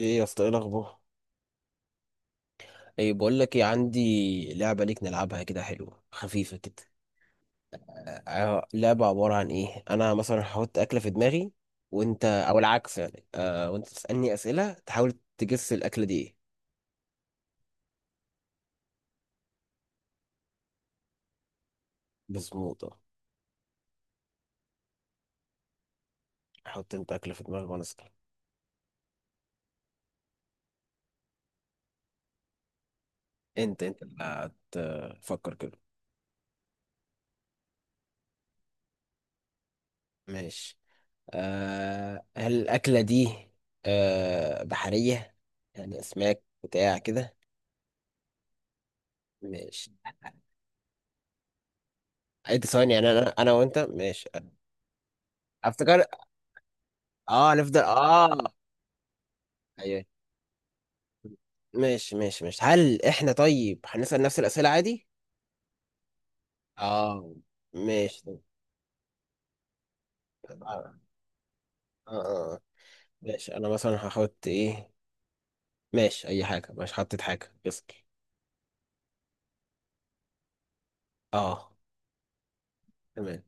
ايه يا اسطى، ايه الاخبار؟ ايه، بقول لك ايه، عندي لعبه ليك نلعبها كده، حلوه خفيفه كده. لعبه عباره عن ايه؟ انا مثلا هحط اكله في دماغي وانت او العكس يعني. وانت تسالني اسئله تحاول تجس الاكله دي ايه. مظبوط آه. حط انت اكله في دماغك وانا اسال. انت اللي هتفكر كده. ماشي. هل الاكله دي بحريه؟ يعني اسماك بتاع كده. ماشي. عد ثواني، يعني انا وانت ماشي. افتكر. اه نفضل ايوه. ماشي ماشي ماشي، هل احنا طيب هنسأل نفس الأسئلة عادي؟ اه، ماشي طب. طب، اه آه. ماشي، انا مثلا هحط ايه. ماشي، اي حاجة، مش حطيت حاجة، اسأل. اه، تمام.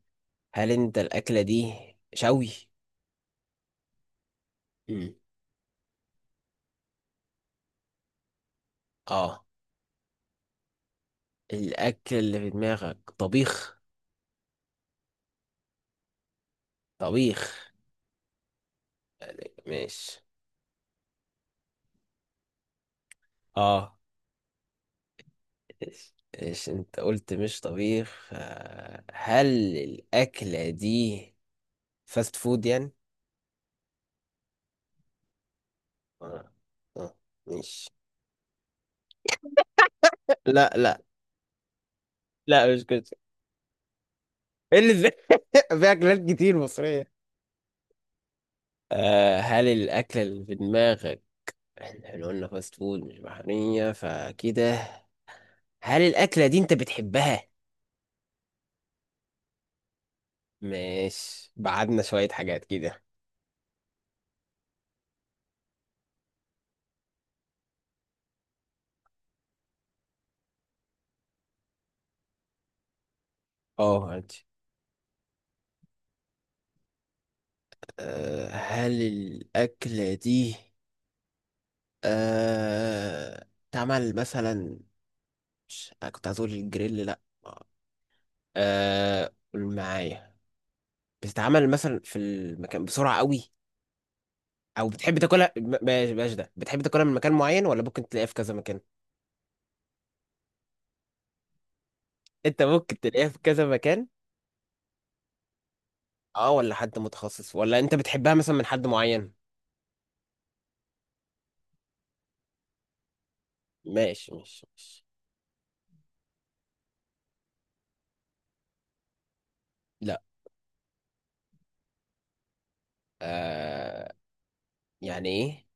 هل انت الأكلة دي شوي؟ مم. اه الأكل اللي في دماغك طبيخ. طبيخ. ماشي اه. ايش انت قلت مش طبيخ؟ هل الأكلة دي فاست فود يعني؟ اه، اه، ماشي. لا لا لا، مش كده. ايه اللي ازاي؟ في اكلات كتير مصرية. هل الاكل اللي في دماغك، احنا قلنا فاست فود مش بحرية فكده. هل الاكلة دي انت بتحبها؟ ماشي، بعدنا شوية حاجات كده. اه، ماشي. هل الاكلة دي آه تعمل مثلا. أنا كنت هتقول الجريل، لا. قول معايا. بتتعمل مثلا في المكان بسرعة قوي، او بتحب تاكلها بلاش بلاش ده، بتحب تاكلها من مكان معين ولا ممكن تلاقيها في كذا مكان؟ انت ممكن تلاقيها في كذا مكان، اه، ولا حد متخصص، ولا انت بتحبها مثلا من حد معين؟ ماشي ماشي ماشي. لا. آه يعني ايه؟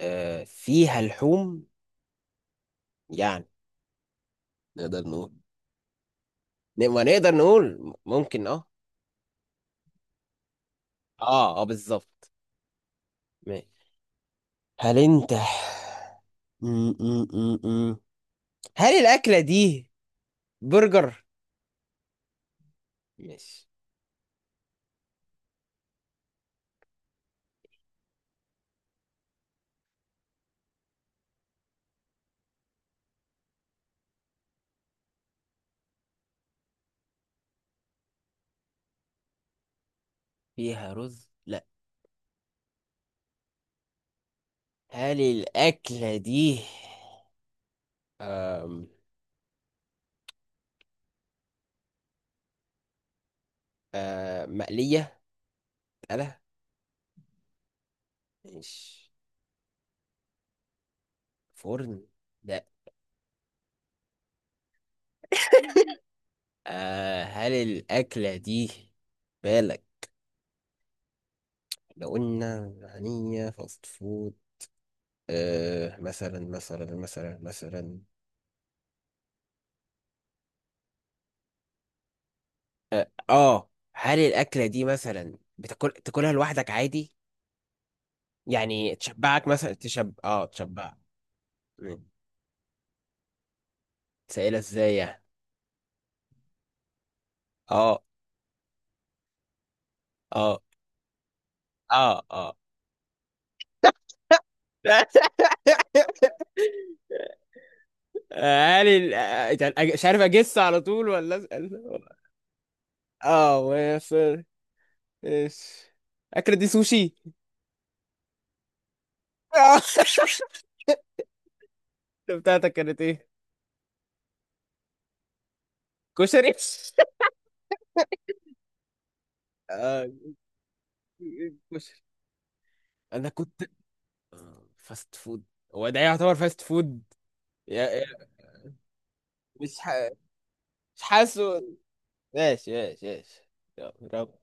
فيها لحوم يعني؟ نقدر نقول، ما نقدر نقول ممكن اه. اه، اه بالظبط. ماشي. هل انت م- م- م- م. هل الاكلة دي برجر؟ ماشي. فيها رز، لا. هل الأكلة دي أم، آه مقلية؟ لا، مش فرن لا. هل الأكلة دي بالك لو قلنا هنية فاست فود، مثلا مثلا مثلا مثلا، اه، هل الأكلة دي مثلا تاكلها لوحدك عادي، يعني تشبعك مثلا تشبع؟ مم. سائلة ازاي يعني؟ اه، اه، اه، اه. علي. مش عارف اجس على طول ولا اسال. اه وافر. ايش؟ اكل دي سوشي؟ آه، بتاعتك كانت ايه؟ كشري؟ آه، كشري انا كنت. فاست فود، هو ده يعتبر فاست فود؟ يا- يا- مش ح... مش حاسه. ماشي ماشي ماشي، يلا رب.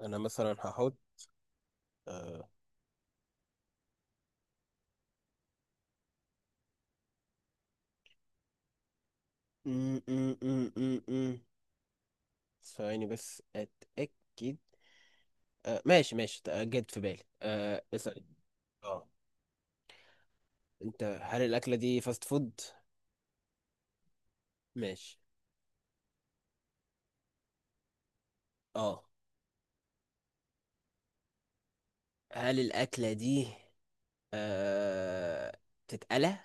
انا مثلا هحط. آه، م- م- م- م- م. ثواني بس اتاكد. ماشي ماشي. جت في بالي. اسأل. اه، انت هل الأكلة دي فاست فود؟ ماشي. اه هل الأكلة دي آه تتقلى؟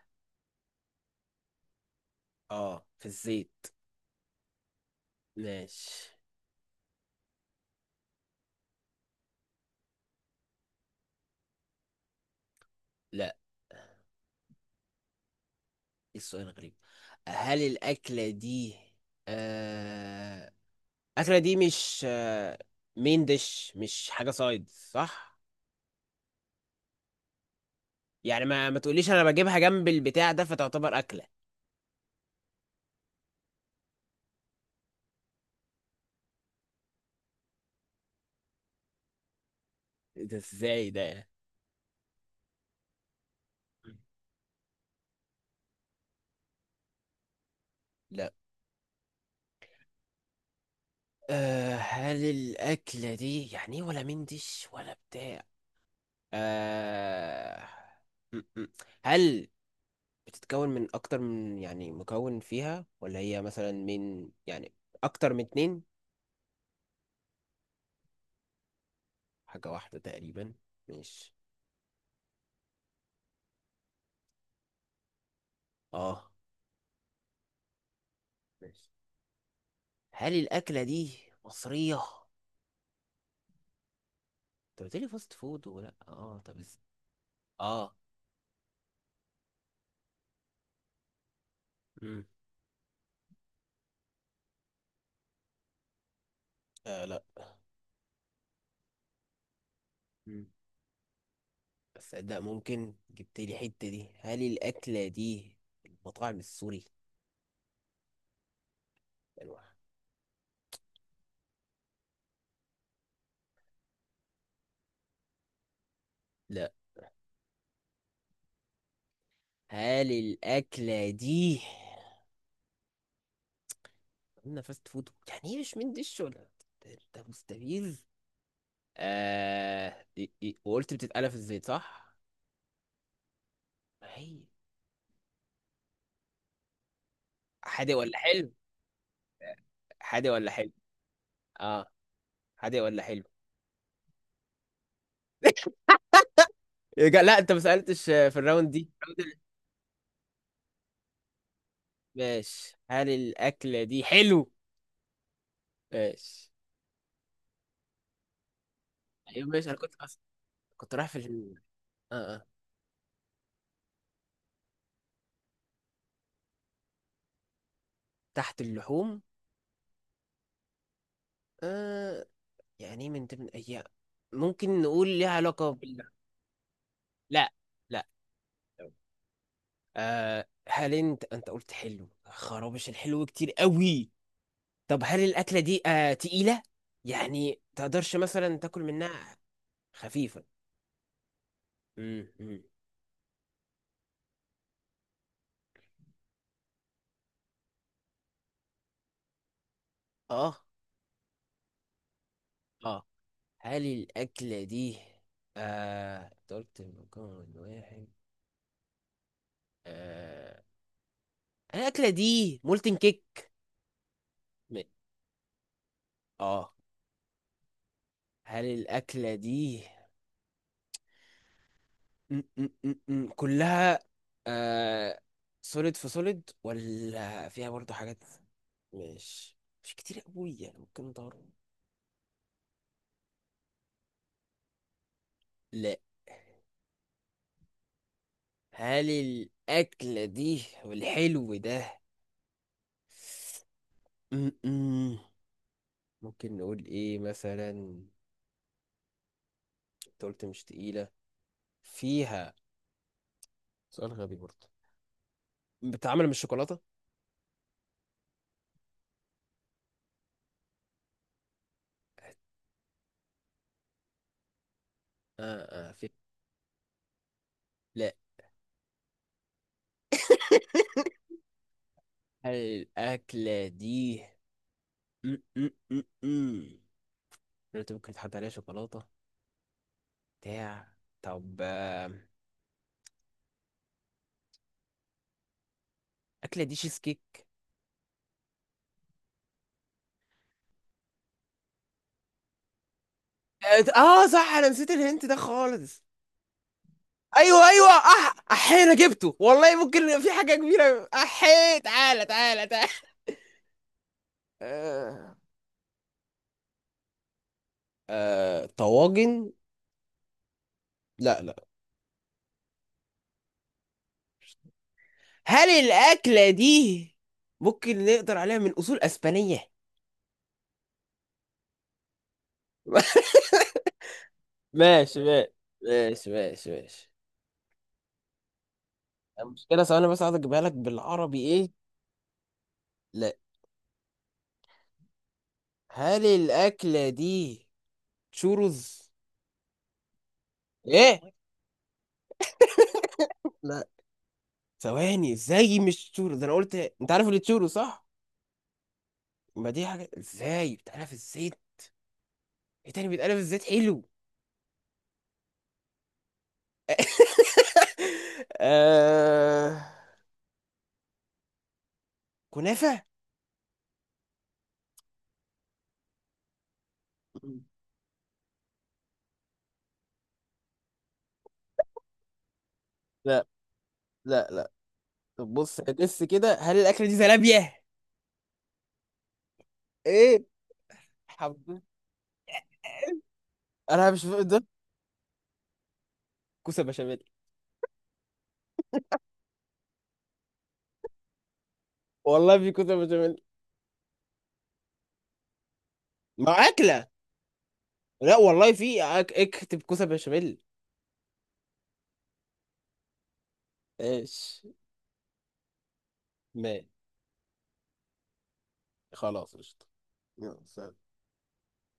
اه، في الزيت. ماشي. لا. إيه السؤال غريب. هل الأكلة دي آه الأكلة دي مش مين ديش؟ مش حاجة سايد صح؟ يعني ما تقوليش أنا بجيبها جنب البتاع ده فتعتبر أكلة. إيه ده ازاي ده؟ لا. هل الأكلة دي يعني إيه، ولا مندش ولا بتاع؟ أه م- م. هل بتتكون من أكتر من، يعني مكون فيها، ولا هي مثلا من يعني أكتر من اتنين؟ حاجة واحدة تقريبا، مش اه. ماشي. هل الأكلة دي مصرية؟ أنت قلتلي فاست فود ولا اه؟ طب بس. اه، مم. لا. مم. بس صدق ممكن جبتلي حتة دي. هل الأكلة دي المطاعم السوري؟ يعني. لا. هل الأكلة دي قلنا فاست فود يعني ايه، مش من دش ولا؟ ده مستفيد. وقلت بتتقلى في الزيت صح؟ هي حادق ولا حلو؟ حادق ولا حلو؟ اه، حادق ولا حلو؟ لا، انت ما سألتش. في الراوند دي ماشي. هل الأكلة دي حلو؟ ماشي ايوه، ماشي. انا كنت أصلا كنت رايح آه آه. تحت اللحوم. آه يعني إيه من ضمن؟ هي ممكن نقول ليها علاقة؟ لا. لا. هل انت قلت حلو؟ خرابش الحلو كتير قوي. طب هل الاكله دي تقيله؟ يعني تقدرش مثلا تاكل منها؟ خفيفه. أمم. اه، اه. هل الاكله دي انت قلت مكون واحد. آه هل الاكله دي مولتن كيك؟ م- اه. هل الاكله دي أم، أم، أم، أم، كلها آه سوليد، سوليد، ولا فيها برضه حاجات؟ ماشي. مش كتير قوي يعني، ممكن نطور. لا. هل الأكلة دي والحلو ده م-م. ممكن نقول إيه مثلا؟ أنت قلت مش تقيلة، فيها. سؤال غبي برضه، بتتعمل من الشوكولاتة؟ في. لا. هل الأكلة دي م-م-م-م. قلت ممكن تحط عليها شوكولاتة بتاع. طب. الأكلة دي شيز كيك؟ صح، أنا نسيت الهنت ده خالص. ايوه ايوه، احينا جبته والله، ممكن في حاجه كبيره. احي، تعالى تعالى تعالى. آه. آه. طواجن؟ لا. لا. هل الاكله دي ممكن نقدر عليها من اصول اسبانيه؟ ماشي ماشي ماشي ماشي ماشي. المشكله ثواني بس عايز اجيبها لك بالعربي ايه. لا. هل الاكله دي تشورز؟ ايه؟ لا. ثواني، ازاي مش تشورز؟ انا قلت انت عارف اللي تشورز صح؟ ما دي حاجه، ازاي بتعرف ازاي؟ ايه تاني بيتقلب الزيت حلو؟ آه... كنافة؟ لا. لا. لا. طب بص بس كده، هل الأكلة دي زلابية؟ ايه؟ حب، انا مش فاهم ده. كوسة بشاميل. والله في كوسة بشاميل. ما أكلة. لا والله في اكتب كوسة بشاميل. ايش؟ ما خلاص، قشطة. يلا، سلام.